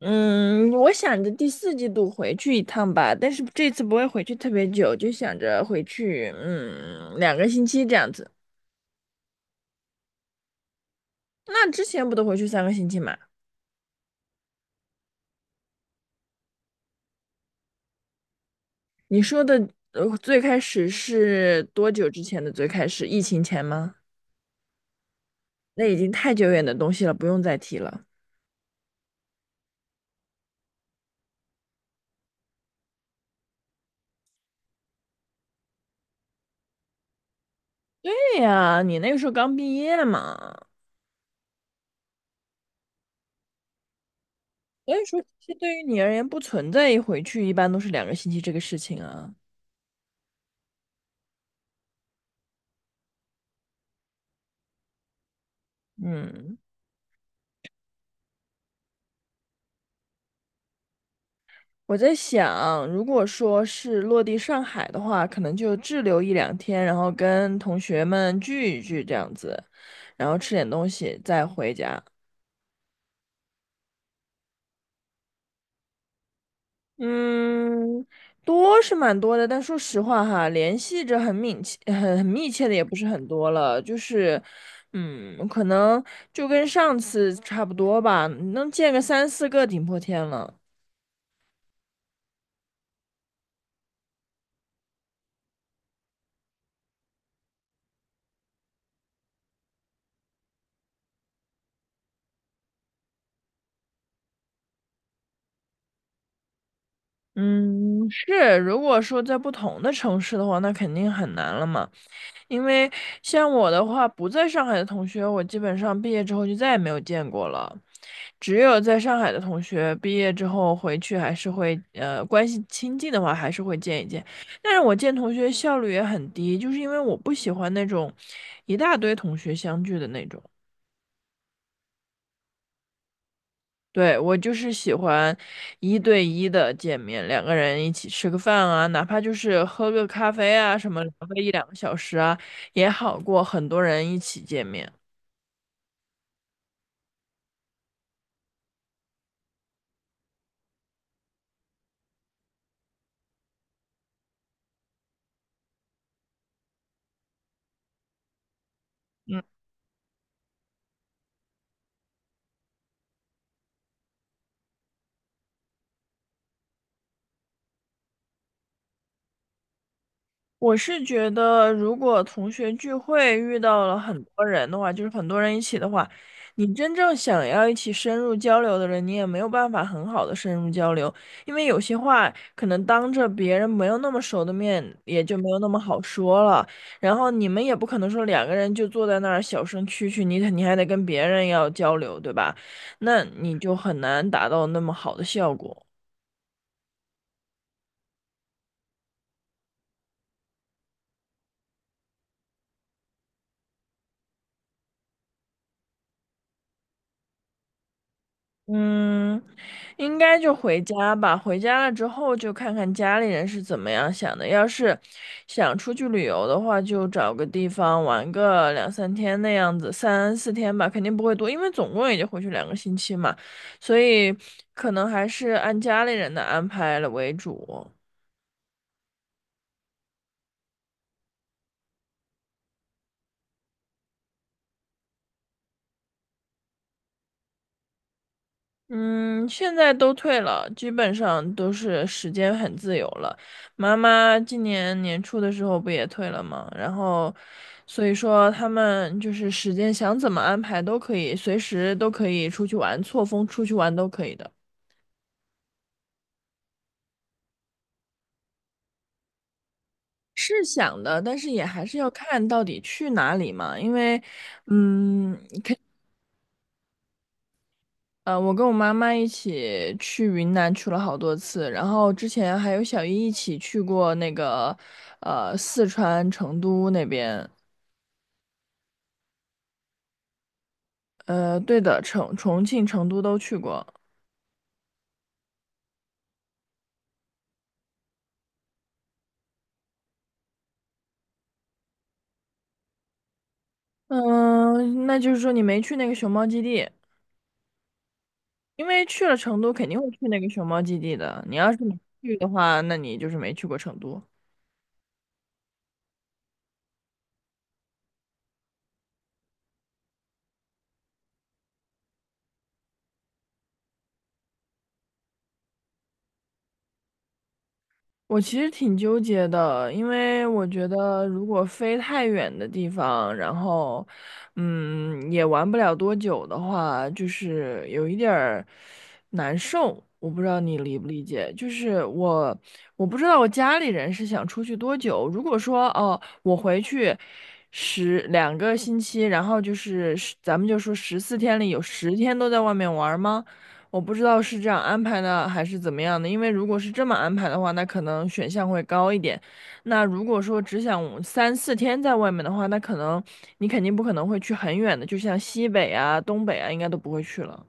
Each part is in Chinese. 嗯，我想着第四季度回去一趟吧，但是这次不会回去特别久，就想着回去，两个星期这样子。那之前不都回去三个星期嘛？你说的，最开始是多久之前的最开始？疫情前吗？那已经太久远的东西了，不用再提了。对呀，你那个时候刚毕业嘛，所以说其实对于你而言不存在一回去，一般都是两个星期这个事情啊。嗯。我在想，如果说是落地上海的话，可能就滞留一两天，然后跟同学们聚一聚这样子，然后吃点东西再回家。嗯，多是蛮多的，但说实话哈，联系着很密切、很密切的也不是很多了，就是，可能就跟上次差不多吧，能见个三四个顶破天了。嗯，是，如果说在不同的城市的话，那肯定很难了嘛。因为像我的话，不在上海的同学，我基本上毕业之后就再也没有见过了。只有在上海的同学，毕业之后回去还是会，关系亲近的话还是会见一见。但是我见同学效率也很低，就是因为我不喜欢那种一大堆同学相聚的那种。对，我就是喜欢一对一的见面，两个人一起吃个饭啊，哪怕就是喝个咖啡啊，什么聊个一两个小时啊，也好过很多人一起见面。嗯。我是觉得，如果同学聚会遇到了很多人的话，就是很多人一起的话，你真正想要一起深入交流的人，你也没有办法很好的深入交流，因为有些话可能当着别人没有那么熟的面，也就没有那么好说了。然后你们也不可能说两个人就坐在那儿小声蛐蛐，你还得跟别人要交流，对吧？那你就很难达到那么好的效果。嗯，应该就回家吧。回家了之后，就看看家里人是怎么样想的。要是想出去旅游的话，就找个地方玩个两三天那样子，三四天吧，肯定不会多，因为总共也就回去两个星期嘛，所以可能还是按家里人的安排了为主。嗯，现在都退了，基本上都是时间很自由了。妈妈今年年初的时候不也退了吗？然后，所以说他们就是时间想怎么安排都可以，随时都可以出去玩，错峰出去玩都可以的。是想的，但是也还是要看到底去哪里嘛，因为，嗯，我跟我妈妈一起去云南去了好多次，然后之前还有小姨一起去过那个，四川成都那边，对的，成重庆、成都都去过。嗯、那就是说你没去那个熊猫基地，因为去了成都肯定会去那个熊猫基地的。你要是没去的话，那你就是没去过成都。我其实挺纠结的，因为我觉得如果飞太远的地方，然后，也玩不了多久的话，就是有一点儿难受。我不知道你理不理解，我不知道我家里人是想出去多久。如果说哦，我回去十两个星期，然后就是十咱们就说十四天里有十天都在外面玩儿吗？我不知道是这样安排的还是怎么样的，因为如果是这么安排的话，那可能选项会高一点。那如果说只想三四天在外面的话，那可能你肯定不可能会去很远的，就像西北啊、东北啊，应该都不会去了。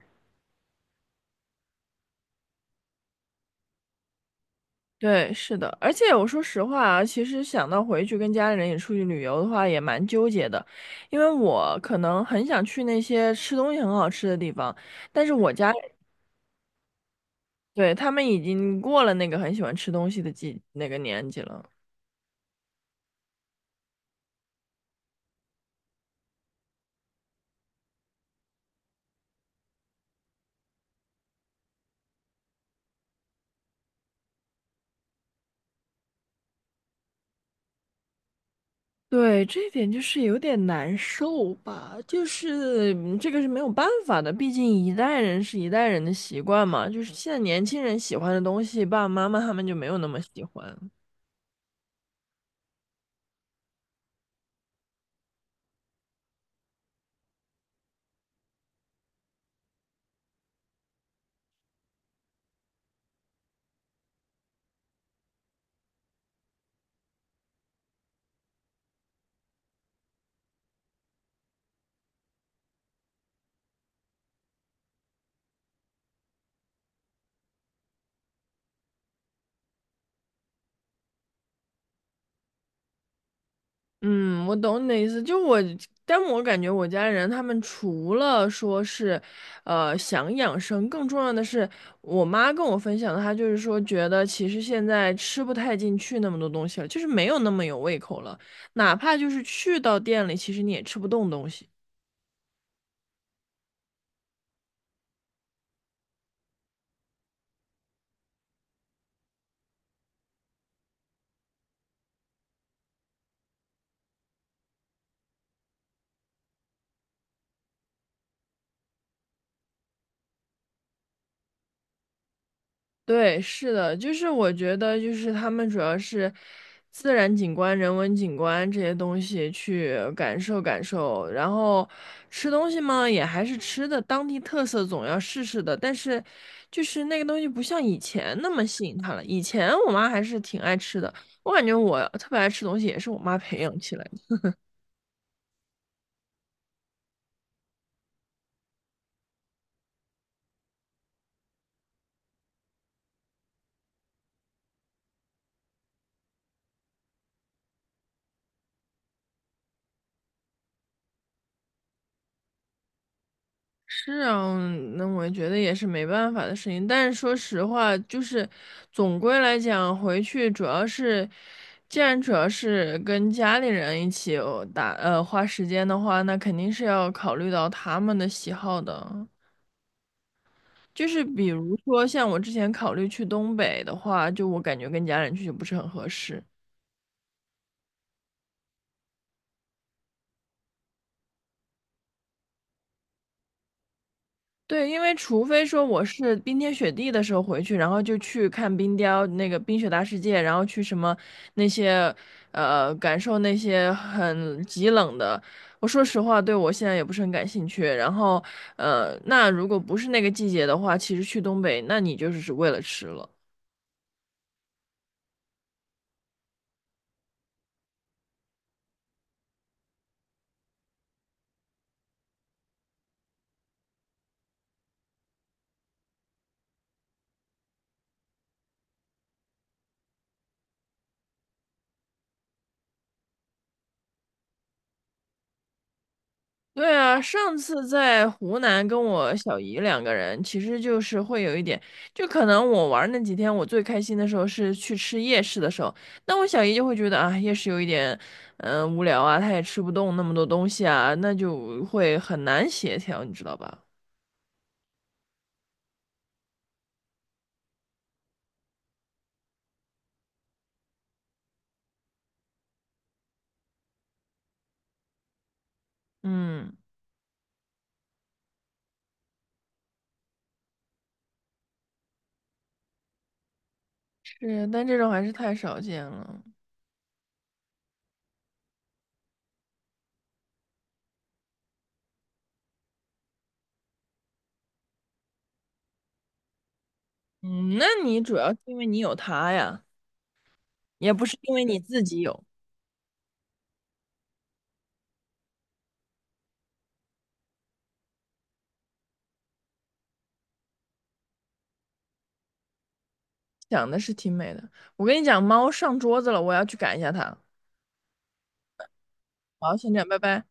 对，是的，而且我说实话啊，其实想到回去跟家里人也出去旅游的话，也蛮纠结的，因为我可能很想去那些吃东西很好吃的地方，但是我家，对，他们已经过了那个很喜欢吃东西的季那个年纪了。对，这一点就是有点难受吧，就是这个是没有办法的，毕竟一代人是一代人的习惯嘛，就是现在年轻人喜欢的东西，爸爸妈妈他们就没有那么喜欢。嗯，我懂你的意思，但我感觉我家人他们除了说是，想养生，更重要的是，我妈跟我分享的，她就是说觉得其实现在吃不太进去那么多东西了，就是没有那么有胃口了，哪怕就是去到店里，其实你也吃不动东西。对，是的，就是我觉得，就是他们主要是自然景观、人文景观这些东西去感受感受，然后吃东西嘛，也还是吃的当地特色，总要试试的。但是，就是那个东西不像以前那么吸引他了。以前我妈还是挺爱吃的，我感觉我特别爱吃东西也是我妈培养起来的。是啊，那我觉得也是没办法的事情。但是说实话，就是总归来讲，回去主要是，既然主要是跟家里人一起哦打呃花时间的话，那肯定是要考虑到他们的喜好的。就是比如说像我之前考虑去东北的话，就我感觉跟家人去就不是很合适。对，因为除非说我是冰天雪地的时候回去，然后就去看冰雕那个冰雪大世界，然后去什么那些感受那些很极冷的。我说实话，对我现在也不是很感兴趣。然后那如果不是那个季节的话，其实去东北，那你就是只为了吃了。对啊，上次在湖南跟我小姨两个人，其实就是会有一点，就可能我玩儿那几天，我最开心的时候是去吃夜市的时候，那我小姨就会觉得啊，夜市有一点，无聊啊，她也吃不动那么多东西啊，那就会很难协调，你知道吧？嗯，是，但这种还是太少见了。嗯，那你主要是因为你有它呀，也不是因为你自己有，想的是挺美的。我跟你讲，猫上桌子了，我要去赶一下它。好，先这样，拜拜。